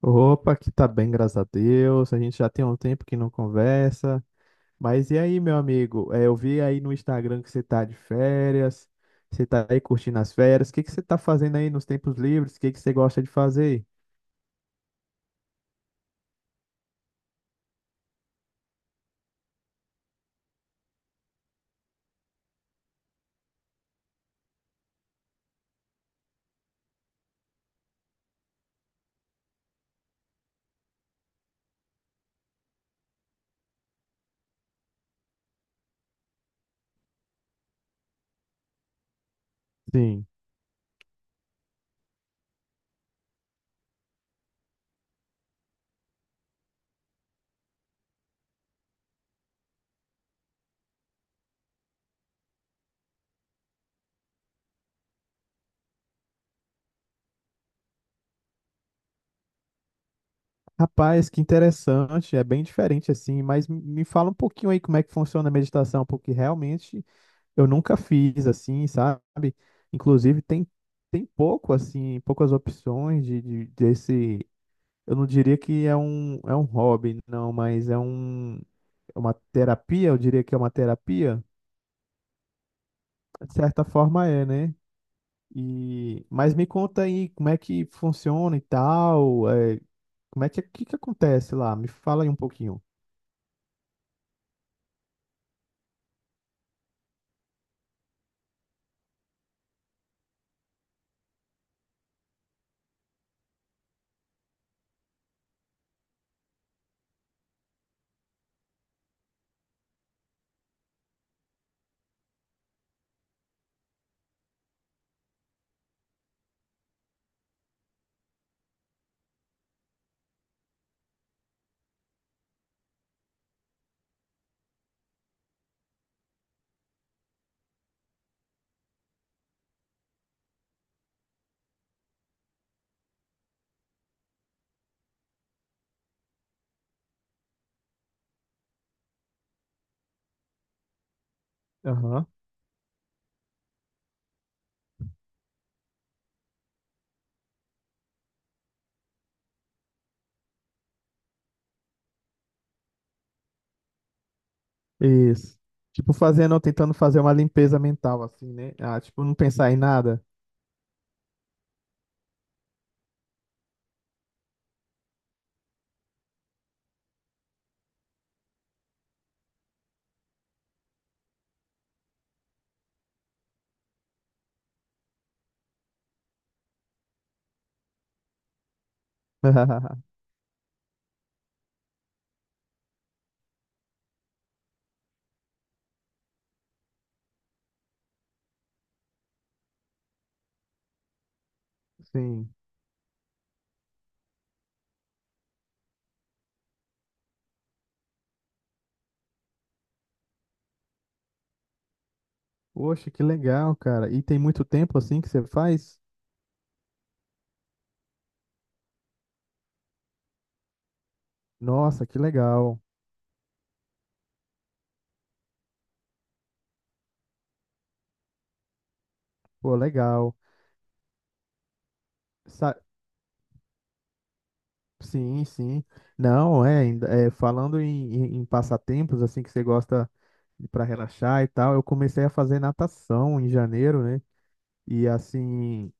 Opa, que tá bem, graças a Deus. A gente já tem um tempo que não conversa. Mas e aí, meu amigo? Eu vi aí no Instagram que você tá de férias. Você tá aí curtindo as férias. O que que você tá fazendo aí nos tempos livres? O que que você gosta de fazer? Sim. Rapaz, que interessante. É bem diferente assim. Mas me fala um pouquinho aí como é que funciona a meditação, porque realmente eu nunca fiz assim, sabe? Inclusive tem pouco assim, poucas opções desse. Eu não diria que é um hobby, não, mas é uma terapia, eu diria que é uma terapia. De certa forma é, né? E, mas me conta aí como é que funciona e tal, como é que acontece lá? Me fala aí um pouquinho. Aham. Isso. Tipo, fazendo, tentando fazer uma limpeza mental, assim, né? Ah, tipo, não pensar em nada. Sim. Poxa, que legal, cara. E tem muito tempo assim que você faz? Nossa, que legal. Pô, legal. Sa- Sim, sim. Não, ainda- é falando em passatempos, assim, que você gosta para relaxar e tal, eu comecei a fazer natação em janeiro, né? E assim,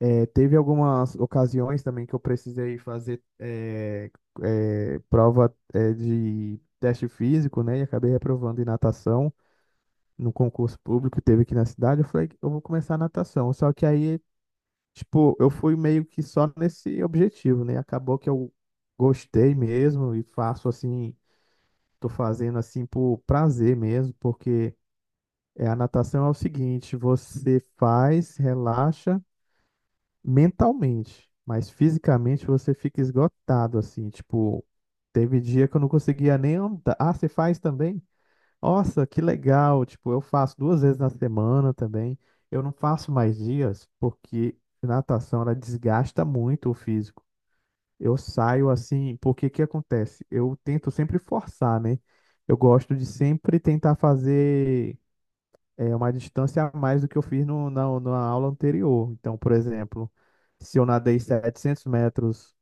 é, teve algumas ocasiões também que eu precisei fazer prova de teste físico, né? E acabei reprovando em natação no concurso público que teve aqui na cidade. Eu falei, eu vou começar a natação. Só que aí, tipo, eu fui meio que só nesse objetivo, né? Acabou que eu gostei mesmo e faço assim, tô fazendo assim por prazer mesmo, porque a natação é o seguinte, você faz, relaxa mentalmente, mas fisicamente você fica esgotado assim, tipo, teve dia que eu não conseguia nem andar. Ah, você faz também? Nossa, que legal! Tipo, eu faço duas vezes na semana também. Eu não faço mais dias porque natação ela desgasta muito o físico. Eu saio assim, porque que acontece? Eu tento sempre forçar, né? Eu gosto de sempre tentar fazer uma distância a mais do que eu fiz no, na, na aula anterior. Então, por exemplo, se eu nadei 700 metros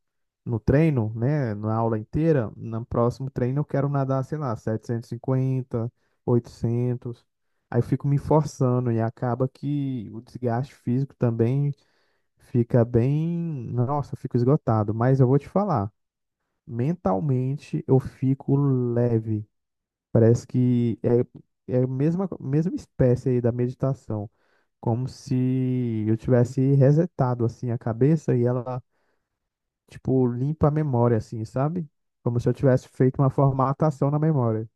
no treino, né, na aula inteira, no próximo treino eu quero nadar, sei lá, 750, 800. Aí eu fico me forçando e acaba que o desgaste físico também fica bem, nossa, eu fico esgotado, mas eu vou te falar, mentalmente eu fico leve. Parece que é a mesma espécie aí da meditação, como se eu tivesse resetado assim a cabeça e ela, tipo, limpa a memória, assim, sabe? Como se eu tivesse feito uma formatação na memória.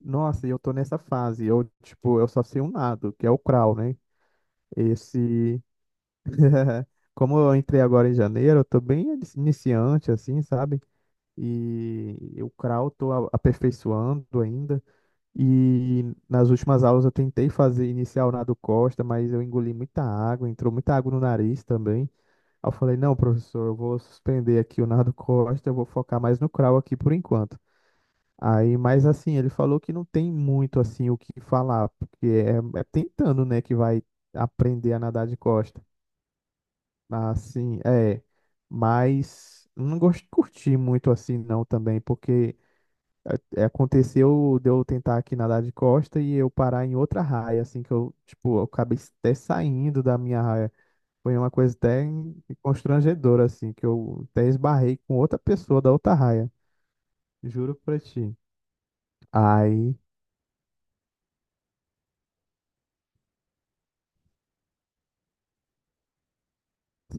Nossa, e eu tô nessa fase. Eu, tipo, eu só sei um lado, que é o crawl, né? Esse. Como eu entrei agora em janeiro, eu tô bem iniciante, assim, sabe? E o crawl tô aperfeiçoando ainda. E nas últimas aulas eu tentei fazer inicial nado Costa, mas eu engoli muita água, entrou muita água no nariz também. Aí eu falei, não, professor, eu vou suspender aqui o Nardo Costa, eu vou focar mais no crawl aqui por enquanto. Aí, mas assim, ele falou que não tem muito assim o que falar, porque é tentando, né, que vai aprender a nadar de costa. Assim, é, mas não gosto curti muito assim não também, porque aconteceu de eu tentar aqui nadar de costa e eu parar em outra raia, assim, que eu, tipo, eu acabei até saindo da minha raia. Foi uma coisa até constrangedora, assim, que eu até esbarrei com outra pessoa da outra raia. Juro pra ti. Aí,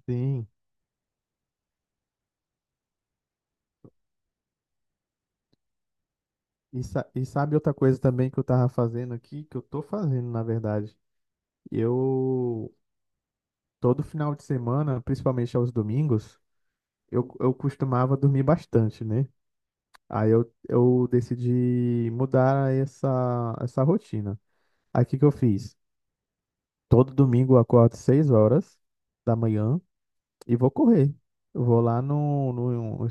sim. E, e sabe outra coisa também que eu tava fazendo aqui, que eu tô fazendo, na verdade. Eu, todo final de semana, principalmente aos domingos, eu costumava dormir bastante, né? Aí eu decidi mudar essa rotina. Aí o que que eu fiz? Todo domingo eu acordo 6 horas da manhã e vou correr. Eu vou lá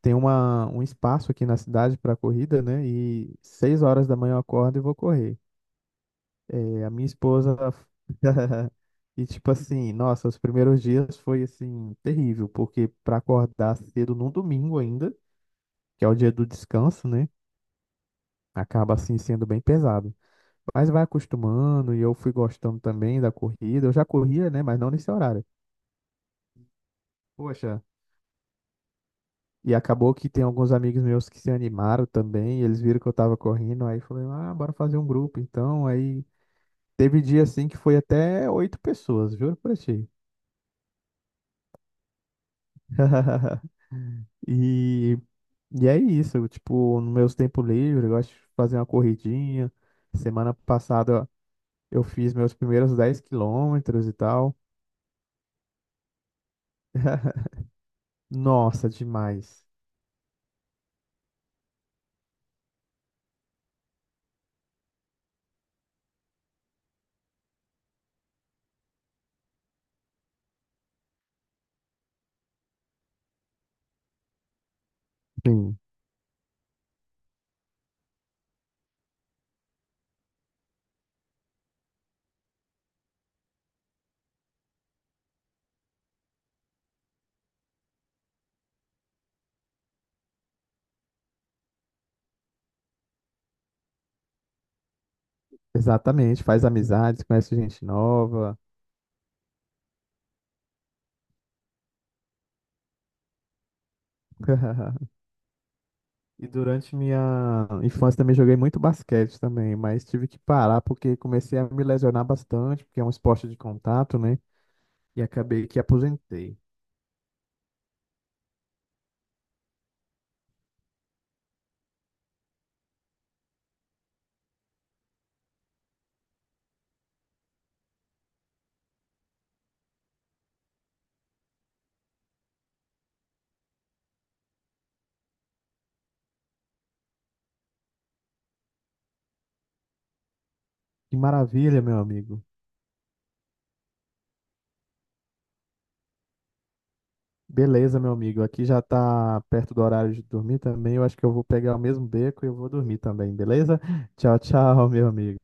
tem um espaço aqui na cidade para corrida, né? E 6 horas da manhã eu acordo e vou correr. É, a minha esposa e tipo assim, nossa, os primeiros dias foi assim terrível, porque para acordar cedo num domingo ainda, que é o dia do descanso, né? Acaba assim sendo bem pesado. Mas vai acostumando e eu fui gostando também da corrida. Eu já corria, né? Mas não nesse horário. Poxa, e acabou que tem alguns amigos meus que se animaram também, eles viram que eu tava correndo, aí falei, ah, bora fazer um grupo. Então, aí teve dia assim que foi até 8 pessoas, juro pra ti. E, e é isso, tipo, no meus tempo livre, eu gosto de fazer uma corridinha. Semana passada eu fiz meus primeiros 10 quilômetros e tal. Nossa, demais. Sim, exatamente, faz amizades, conhece gente nova. E durante minha infância também joguei muito basquete também, mas tive que parar porque comecei a me lesionar bastante, porque é um esporte de contato, né? E acabei que aposentei. Que maravilha, meu amigo. Beleza, meu amigo. Aqui já tá perto do horário de dormir também. Eu acho que eu vou pegar o mesmo beco e eu vou dormir também, beleza? Tchau, tchau, meu amigo.